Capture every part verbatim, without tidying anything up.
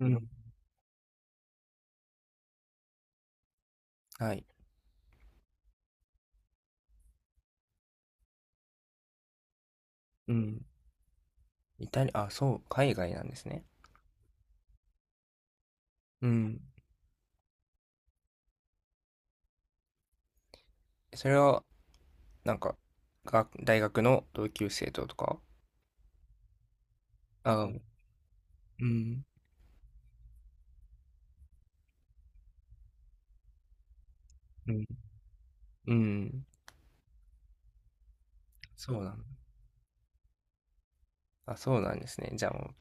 うん。はい。うん。イタリア、あ、そう、海外なんですね。うん。それは、なんか、が、大学の同級生ととか、あ、うん。うん。うん。そうなんだ。あ、そうなんですね。じゃあもう、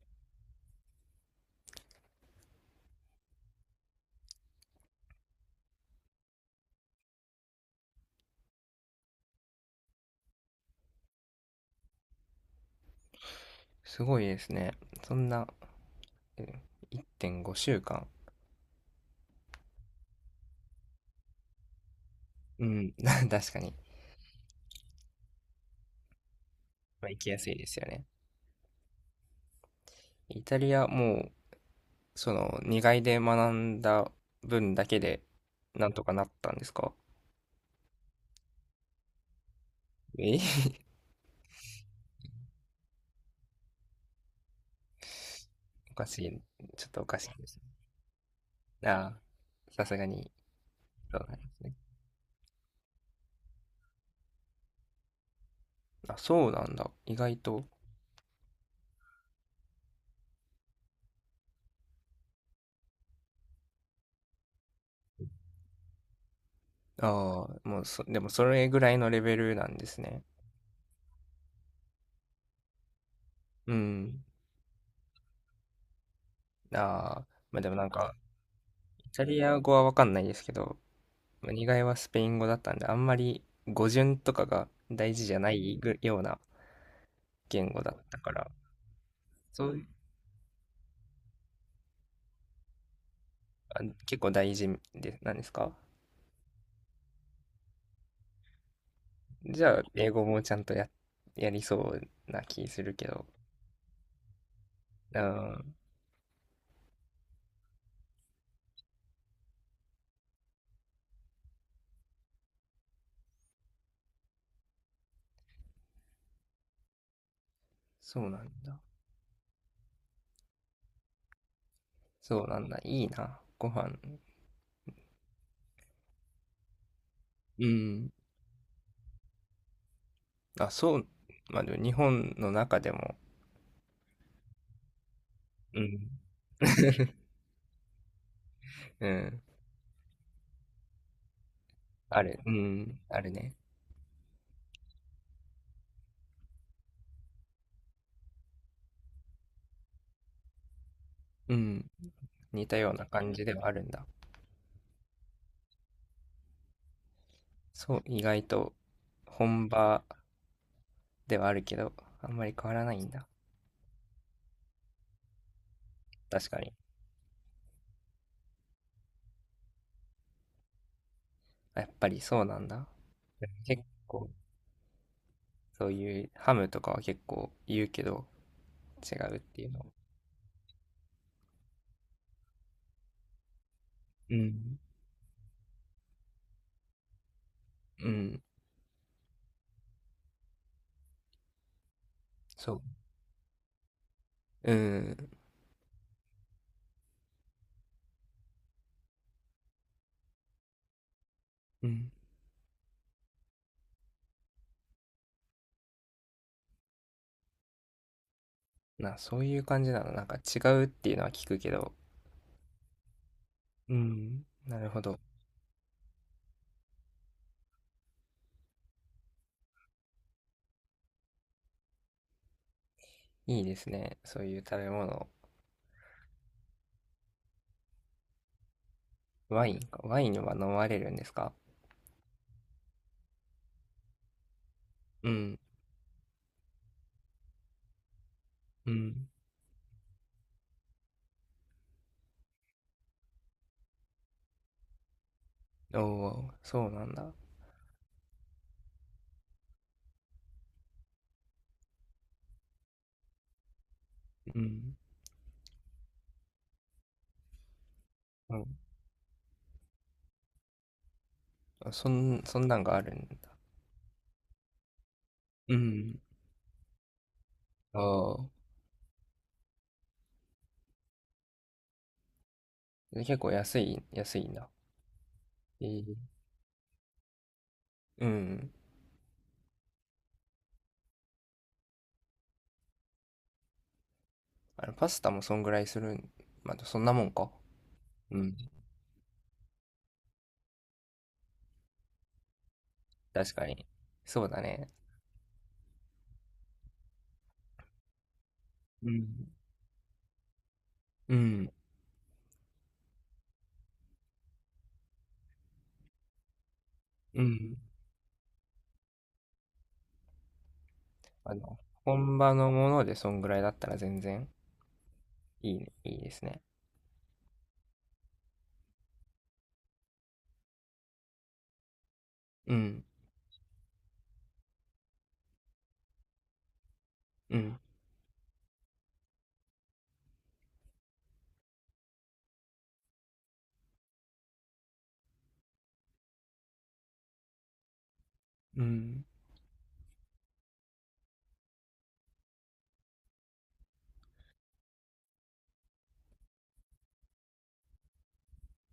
すごいですね。そんな、うん、いってんごしゅうかん。うん。確かに。まあ、行きやすいですよね。イタリア、もう、その、にがい外で学んだ分だけで、なんとかなったんですか？え。 おかしい。ちょっとおかしいですね。ああ、さすがに、そうなんですね。あ、そうなんだ。意外と。ああ、もうそ、でもそれぐらいのレベルなんですね。うん。ああ、まあでもなんか、イタリア語はわかんないですけど、まあにがいはスペイン語だったんで、あんまり語順とかが大事じゃないぐような言語だったから、そういう、あ、結構大事で、なんですか？じゃあ、英語もちゃんとや、やりそうな気するけど。うん、そうなんだ。そうなんだ。いいな。ご飯。うん。あ、そう。まあ、でも日本の中でも、うん。うん。ある。うん。あるね。うん。似たような感じではあるんだ。そう、意外と本場ではあるけど、あんまり変わらないんだ。確かに。あ、やっぱりそうなんだ。結構、そういうハムとかは結構言うけど、違うっていうの。うん。うん。そう。うん。うん。な、そういう感じなの。なんか違うっていうのは聞くけど。うん。なるほど。いいですね。そういう食べ物。ワインか。ワインは飲まれるんですか？うん、うん、おお、そうなんだ。うん、うん。あ、そん、そんなんがあるんだ。うん。ああ。で結構安い、安いんだ。えー、うん。あのパスタもそんぐらいするん。まあ、そんなもんか。うん。確かに。そうだね。うん、うん。うん。あの、本場のものでそんぐらいだったら全然いいね、いいですね。うん、うん、うん。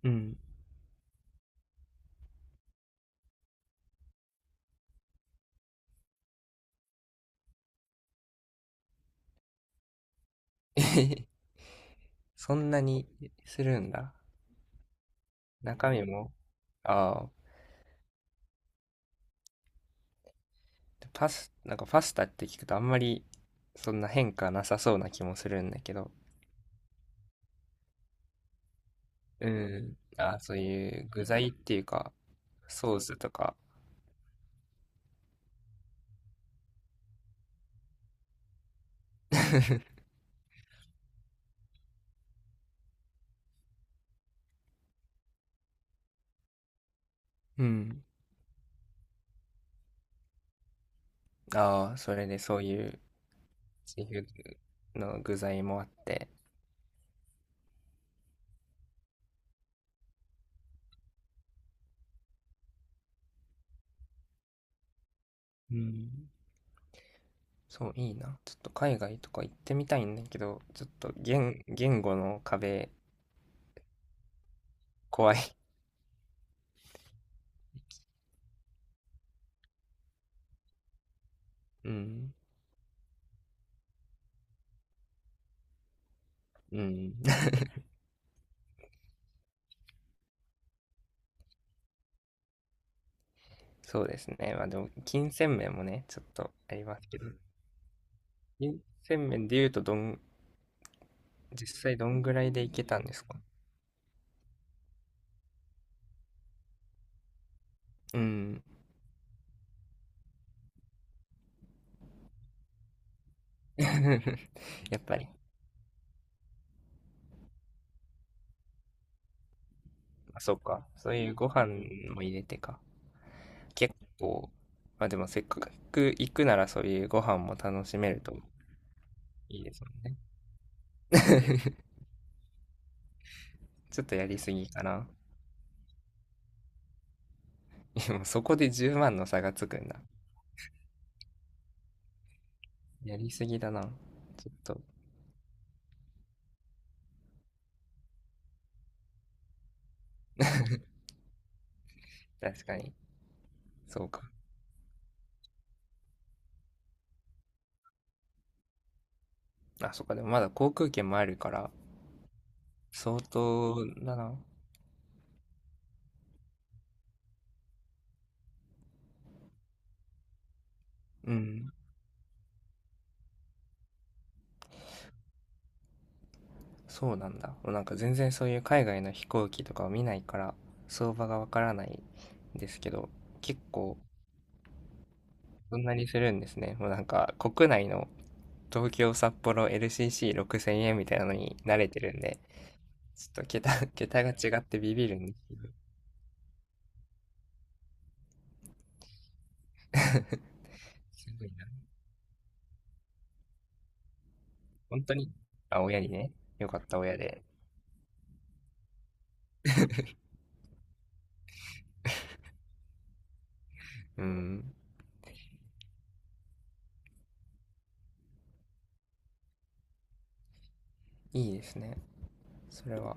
うん。えへへ。そんなにするんだ。中身も。ああ、パス、なんかパスタって聞くとあんまりそんな変化なさそうな気もするんだけど。うん。ああ、そういう具材っていうか、ソースとか。うん。ああ、それでそういうシーフードの具材もあって。うん。そう、いいな。ちょっと海外とか行ってみたいんだけど、ちょっと言、言語の壁怖い。うん。うん。そうですね。まあでも、金銭面もね、ちょっとありますけど、金銭面で言うと、どん、実際どんぐらいで行けたんですか？うん。やっぱり。あ、そうか。そういうご飯も入れてか。結構、まあでもせっかく行くならそういうご飯も楽しめるといいですもんね。ちょっとやりすぎかな。でもそこでじゅうまんの差がつくんだ。やりすぎだな。ちょっと、確かに。そうか。あ、そっか。でもまだ航空券もあるから、相当だな。うん。そうなんだ。なんか全然そういう海外の飛行機とかを見ないから相場がわからないんですけど、結構そんなにするんですね。もうなんか国内の東京、札幌、エルシーシーろくせん 円みたいなのに慣れてるんで、ちょっと桁、桁が違ってビビるんですけど。すごいな。本当に。あ、親にね。よかった、親で。うん。いいですね。それは。